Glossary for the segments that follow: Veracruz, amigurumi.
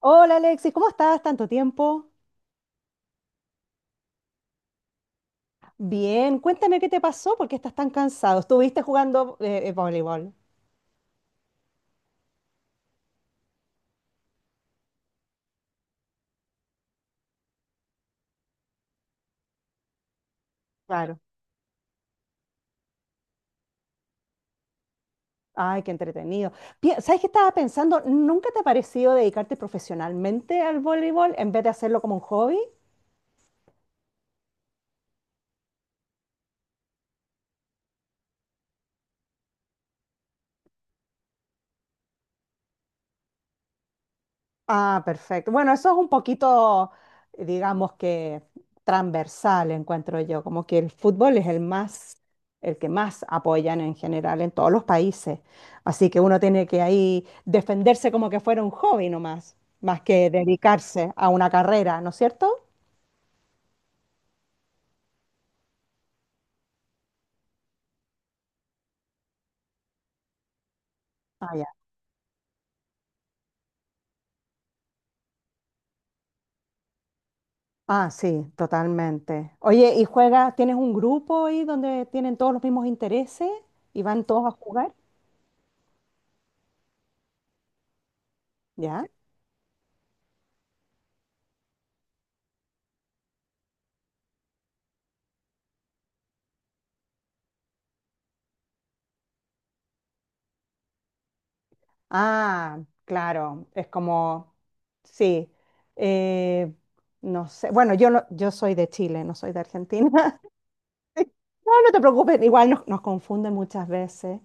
Hola Alexis, ¿cómo estás? ¿Tanto tiempo? Bien, cuéntame qué te pasó, porque estás tan cansado? ¿Estuviste jugando voleibol? Claro. Ay, qué entretenido. ¿Sabes qué estaba pensando? ¿Nunca te ha parecido dedicarte profesionalmente al voleibol en vez de hacerlo como un hobby? Ah, perfecto. Bueno, eso es un poquito, digamos que transversal, encuentro yo, como que el fútbol es el más, el que más apoyan en general en todos los países. Así que uno tiene que ahí defenderse como que fuera un hobby nomás, más que dedicarse a una carrera, ¿no es cierto? Ah, ya. Ah, sí, totalmente. Oye, ¿y juegas? ¿Tienes un grupo ahí donde tienen todos los mismos intereses y van todos a jugar? ¿Ya? Ah, claro, es como, sí, eh, no sé, bueno, yo soy de Chile, no soy de Argentina. No, no te preocupes, igual nos confunden muchas veces,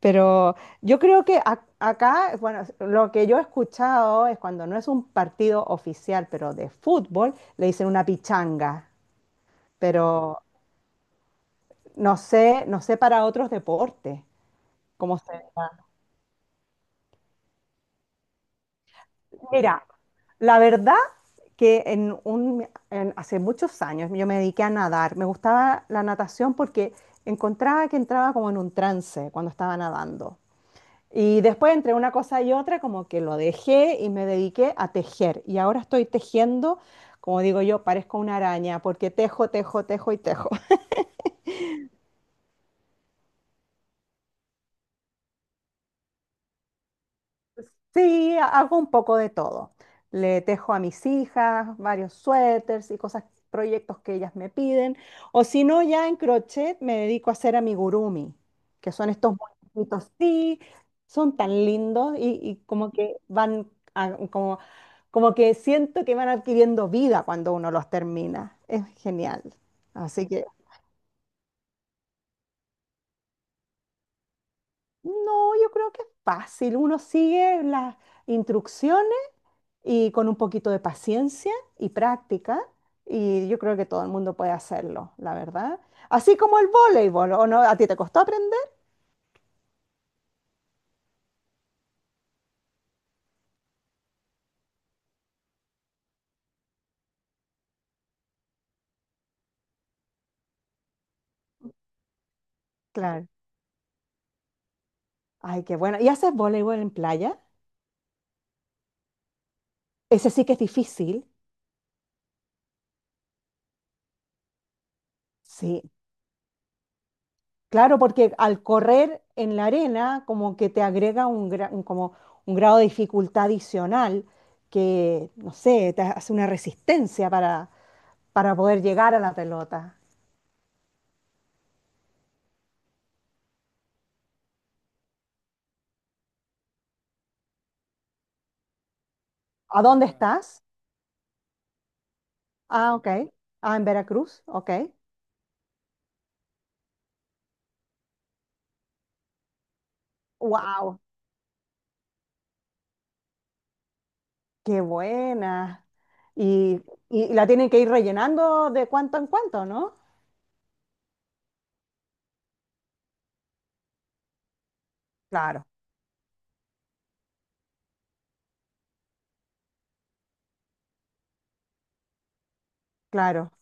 pero yo creo que acá, bueno, lo que yo he escuchado es cuando no es un partido oficial, pero de fútbol, le dicen una pichanga, pero no sé, no sé para otros deportes, cómo se llama. Mira, la verdad que en hace muchos años yo me dediqué a nadar. Me gustaba la natación porque encontraba que entraba como en un trance cuando estaba nadando. Y después entre una cosa y otra como que lo dejé y me dediqué a tejer. Y ahora estoy tejiendo, como digo yo, parezco una araña porque tejo, tejo, tejo y tejo. Sí, hago un poco de todo. Le tejo a mis hijas varios suéteres y cosas, proyectos que ellas me piden. O si no, ya en crochet me dedico a hacer amigurumi, que son estos muñequitos. Sí, son tan lindos y como que van, a- como, como que siento que van adquiriendo vida cuando uno los termina. Es genial. Así que, no, yo creo que es fácil. Uno sigue las instrucciones y con un poquito de paciencia y práctica, y yo creo que todo el mundo puede hacerlo, la verdad. Así como el voleibol, ¿o no? ¿A ti te costó aprender? Claro. Ay, qué bueno. ¿Y haces voleibol en playa? Ese sí que es difícil. Sí, claro, porque al correr en la arena como que te agrega como un grado de dificultad adicional que, no sé, te hace una resistencia para poder llegar a la pelota. ¿A dónde claro estás? Ah, ok. Ah, en Veracruz, ok. Wow, qué buena. Y, y la tienen que ir rellenando de cuanto en cuanto, ¿no? Claro, claro.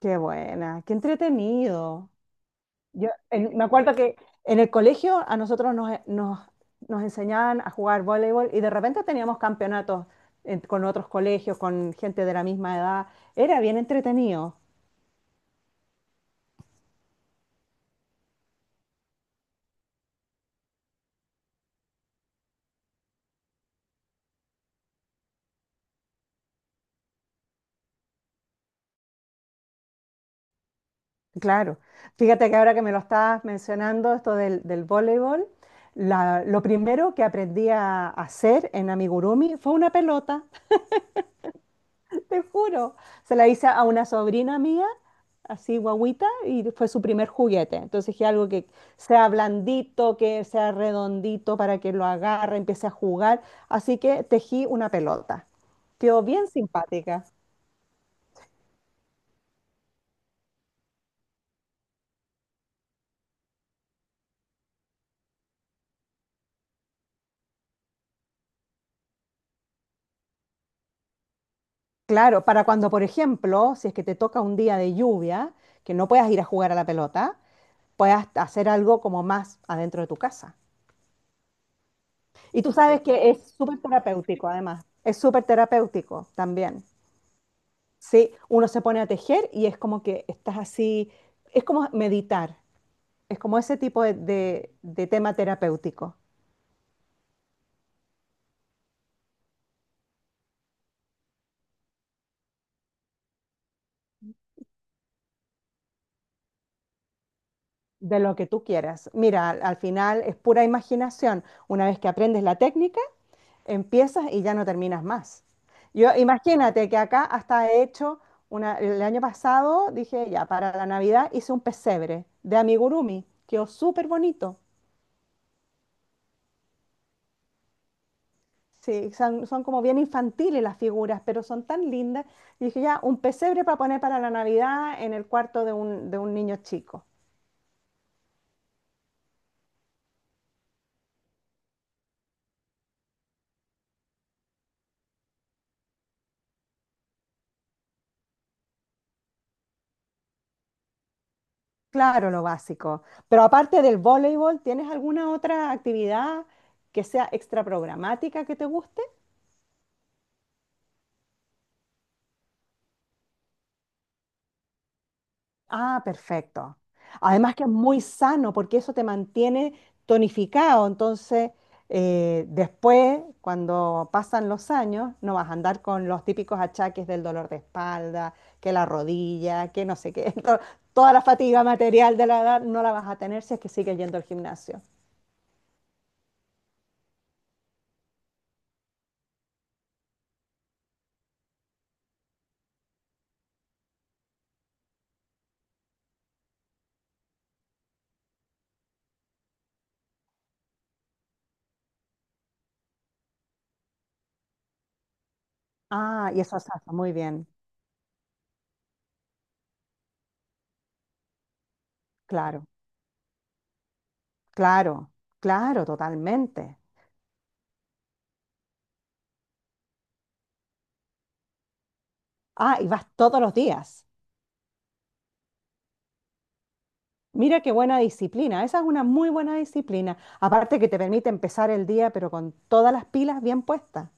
Qué buena, qué entretenido. Me acuerdo que en el colegio a nosotros nos enseñaban a jugar voleibol y de repente teníamos campeonatos con otros colegios, con gente de la misma edad. Era bien entretenido. Claro, fíjate que ahora que me lo estás mencionando, esto del voleibol, lo primero que aprendí a hacer en amigurumi fue una pelota, te juro. Se la hice a una sobrina mía, así guagüita, y fue su primer juguete. Entonces dije algo que sea blandito, que sea redondito para que lo agarre, empiece a jugar. Así que tejí una pelota. Quedó bien simpática. Claro, para cuando, por ejemplo, si es que te toca un día de lluvia, que no puedas ir a jugar a la pelota, puedas hacer algo como más adentro de tu casa. Y tú sabes que es súper terapéutico, además, es súper terapéutico también. Sí, uno se pone a tejer y es como que estás así, es como meditar, es como ese tipo de tema terapéutico, de lo que tú quieras. Mira, al final es pura imaginación. Una vez que aprendes la técnica, empiezas y ya no terminas más. Yo imagínate que acá hasta he hecho una, el año pasado dije ya para la Navidad hice un pesebre de amigurumi, quedó súper bonito. Sí, son, son como bien infantiles las figuras, pero son tan lindas. Y dije ya un pesebre para poner para la Navidad en el cuarto de de un niño chico. Claro, lo básico. Pero aparte del voleibol, ¿tienes alguna otra actividad que sea extra programática que te guste? Ah, perfecto. Además que es muy sano porque eso te mantiene tonificado. Entonces, después, cuando pasan los años, no vas a andar con los típicos achaques del dolor de espalda, que la rodilla, que no sé qué. Toda la fatiga material de la edad no la vas a tener si es que sigues yendo al gimnasio. Ah, y eso está muy bien. Claro, claro, claro, totalmente. Ah, y vas todos los días. Mira qué buena disciplina, esa es una muy buena disciplina. Aparte que te permite empezar el día, pero con todas las pilas bien puestas.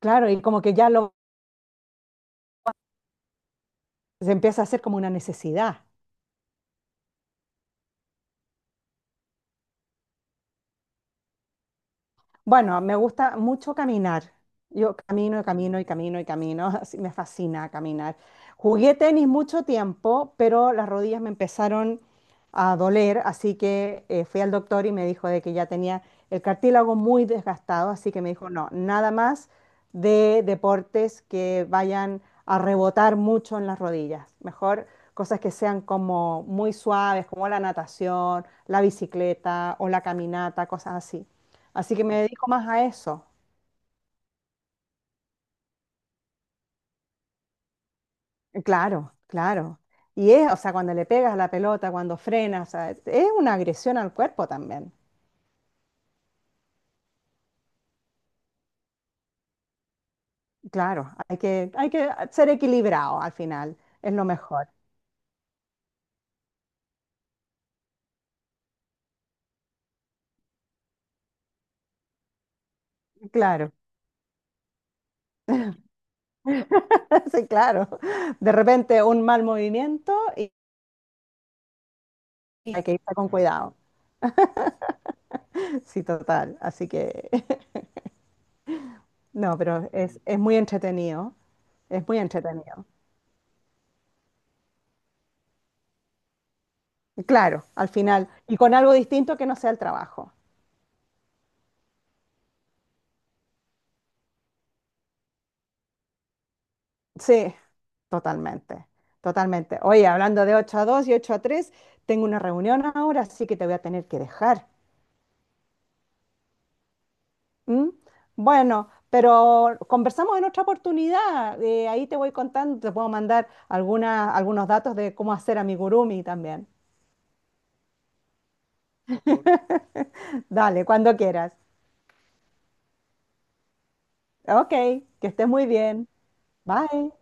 Claro, y como que ya lo se empieza a hacer como una necesidad. Bueno, me gusta mucho caminar. Yo camino y camino y camino y camino. Así me fascina caminar. Jugué tenis mucho tiempo, pero las rodillas me empezaron a doler, así que fui al doctor y me dijo de que ya tenía el cartílago muy desgastado, así que me dijo, no, nada más de deportes que vayan a rebotar mucho en las rodillas. Mejor cosas que sean como muy suaves, como la natación, la bicicleta o la caminata, cosas así. Así que me dedico más a eso. Claro, claro. Y es, o sea, cuando le pegas a la pelota, cuando frenas, o sea, es una agresión al cuerpo también. Claro, hay que ser equilibrado al final, es lo mejor. Claro, sí, claro. De repente un mal movimiento y hay que irse con cuidado. Sí, total. Así que, no, pero es muy entretenido, es muy entretenido. Claro, al final, y con algo distinto que no sea el trabajo. Sí, totalmente, totalmente. Oye, hablando de 8 a 2 y 8 a 3, tengo una reunión ahora, así que te voy a tener que dejar. ¿M? Bueno, pero conversamos en otra oportunidad. Ahí te voy contando, te puedo mandar algunos datos de cómo hacer amigurumi también. Dale, cuando quieras. Ok, que estés muy bien. Bye.